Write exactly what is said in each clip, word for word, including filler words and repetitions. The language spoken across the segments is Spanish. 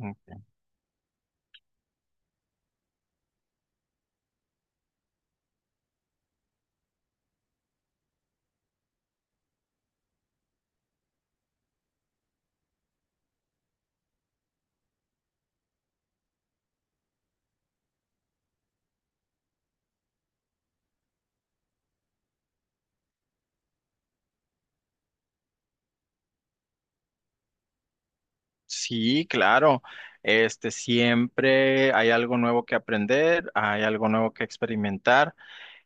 Mm, sí, claro. Este, siempre hay algo nuevo que aprender, hay algo nuevo que experimentar.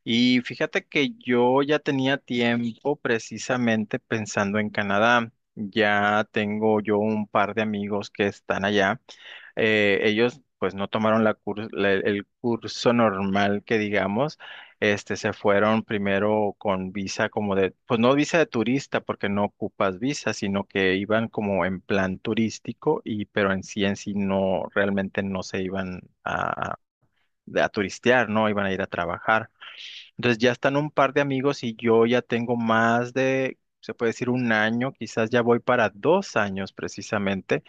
Y fíjate que yo ya tenía tiempo precisamente pensando en Canadá. Ya tengo yo un par de amigos que están allá. Eh, ellos pues no tomaron la cur- la- el curso normal que digamos, este, se fueron primero con visa como de, pues no visa de turista porque no ocupas visa, sino que iban como en plan turístico y pero en sí en sí no, realmente no se iban a, a a turistear, no iban a ir a trabajar. Entonces ya están un par de amigos y yo ya tengo más de, se puede decir un año, quizás ya voy para dos años precisamente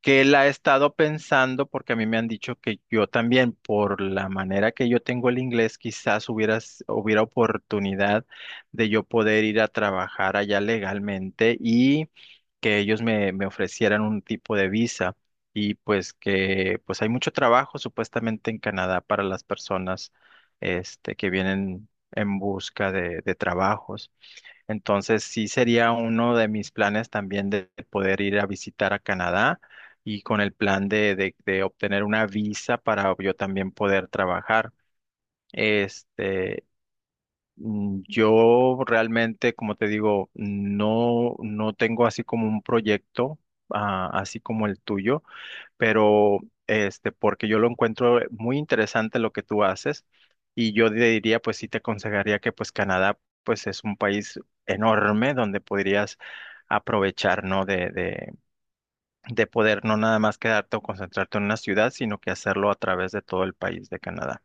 que la he estado pensando porque a mí me han dicho que yo también, por la manera que yo tengo el inglés, quizás hubieras, hubiera oportunidad de yo poder ir a trabajar allá legalmente y que ellos me, me ofrecieran un tipo de visa. Y pues que pues hay mucho trabajo supuestamente en Canadá para las personas este, que vienen en busca de, de trabajos. Entonces sí sería uno de mis planes también de poder ir a visitar a Canadá y con el plan de, de, de obtener una visa para yo también poder trabajar. Este, mm, yo realmente, como te digo, no, no tengo así como un proyecto, ah, así como el tuyo, pero este, porque yo lo encuentro eh, muy interesante lo que tú haces y yo te diría, pues sí te aconsejaría que pues Canadá pues es un país enorme donde podrías aprovechar, ¿no? De, de, de poder no nada más quedarte o concentrarte en una ciudad, sino que hacerlo a través de todo el país de Canadá.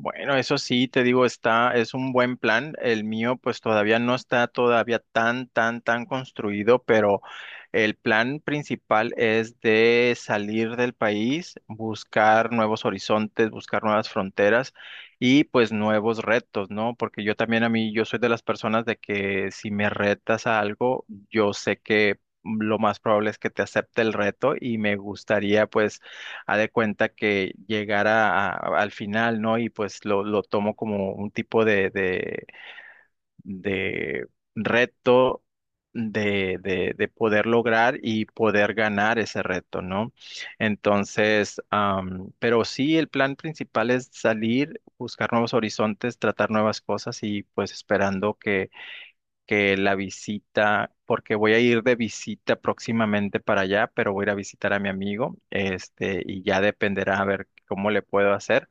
Bueno, eso sí, te digo, está, es un buen plan. El mío, pues todavía no está todavía tan, tan, tan construido, pero el plan principal es de salir del país, buscar nuevos horizontes, buscar nuevas fronteras y pues nuevos retos, ¿no? Porque yo también a mí, yo soy de las personas de que si me retas a algo, yo sé que lo más probable es que te acepte el reto y me gustaría pues ha de cuenta que llegara a- a- al final, ¿no? Y pues lo, lo tomo como un tipo de, de, de reto de, de, de poder lograr y poder ganar ese reto, ¿no? Entonces, am, pero sí, el plan principal es salir, buscar nuevos horizontes, tratar nuevas cosas y pues esperando que la visita, porque voy a ir de visita próximamente para allá, pero voy a ir a visitar a mi amigo, este, y ya dependerá a ver cómo le puedo hacer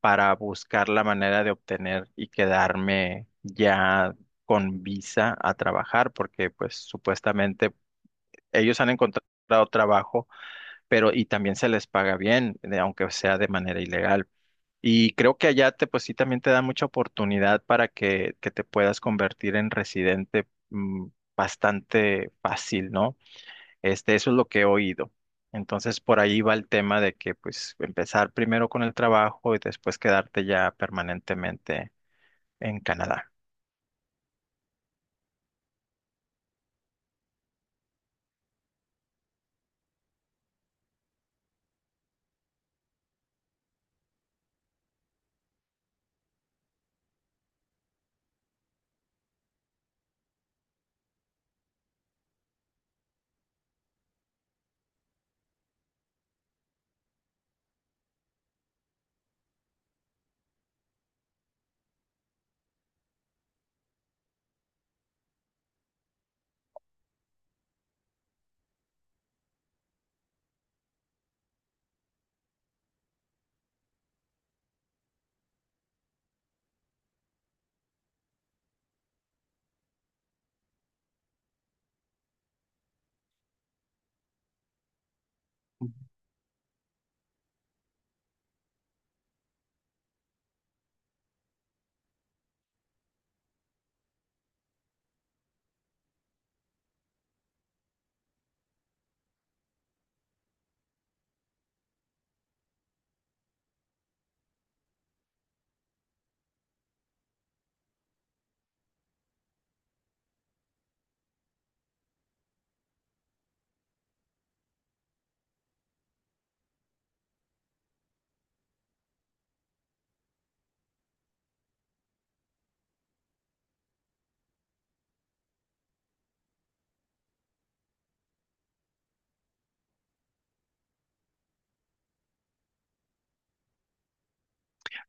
para buscar la manera de obtener y quedarme ya con visa a trabajar, porque pues supuestamente ellos han encontrado trabajo, pero y también se les paga bien, de- aunque sea de manera ilegal. Y creo que allá te, pues sí, también te da mucha oportunidad para que, que te puedas convertir en residente mm, bastante fácil, ¿no? Este, eso es lo que he oído. Entonces, por ahí va el tema de que, pues, empezar primero con el trabajo y después quedarte ya permanentemente en Canadá.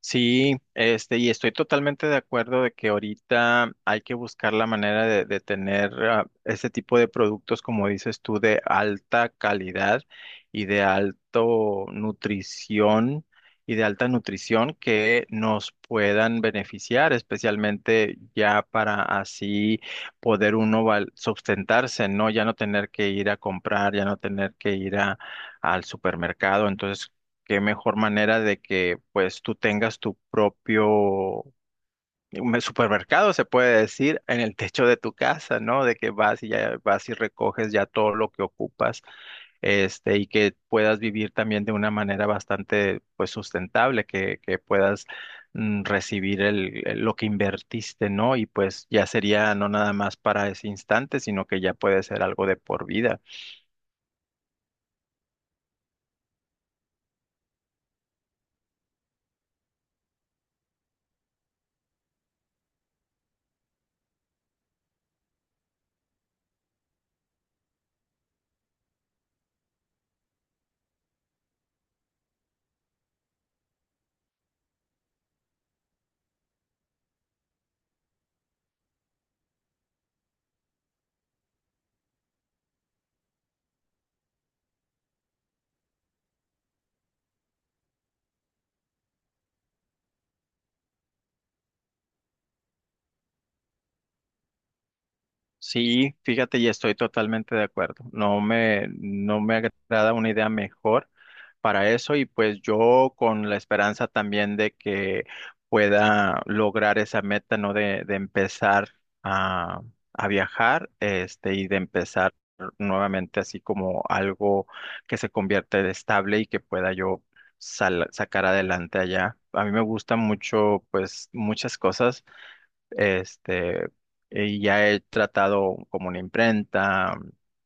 Sí, este, y estoy totalmente de acuerdo de que ahorita hay que buscar la manera de, de tener ah, este tipo de productos, como dices tú, de alta calidad y de alto nutrición y de alta nutrición que nos puedan beneficiar, especialmente ya para así poder uno val- sustentarse, ¿no? Ya no tener que ir a comprar, ya no tener que ir a al supermercado. Entonces, qué mejor manera de que pues tú tengas tu propio un supermercado, se puede decir, en el techo de tu casa, ¿no? De que vas y ya vas y recoges ya todo lo que ocupas, este, y que puedas vivir también de una manera bastante pues sustentable, que, que puedas mm, recibir el, el- lo que invertiste, ¿no? Y pues ya sería no nada más para ese instante, sino que ya puede ser algo de por vida. Sí, fíjate, y estoy totalmente de acuerdo. No me, no me agrada una idea mejor para eso y pues yo con la esperanza también de que pueda lograr esa meta, ¿no? De, de empezar a, a viajar, este, y de empezar nuevamente así como algo que se convierta en estable y que pueda yo sal- sacar adelante allá. A mí me gusta mucho, pues, muchas cosas. Este, y ya he tratado como una imprenta,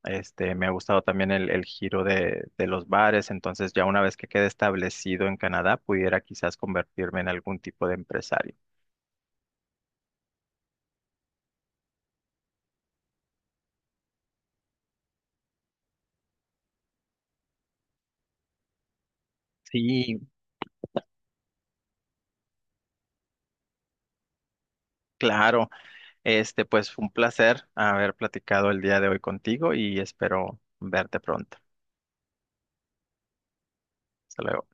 este, me ha gustado también el, el giro de, de los bares, entonces ya una vez que quede establecido en Canadá, pudiera quizás convertirme en algún tipo de empresario. Sí, claro, este, pues fue un placer haber platicado el día de hoy contigo y espero verte pronto. Hasta luego.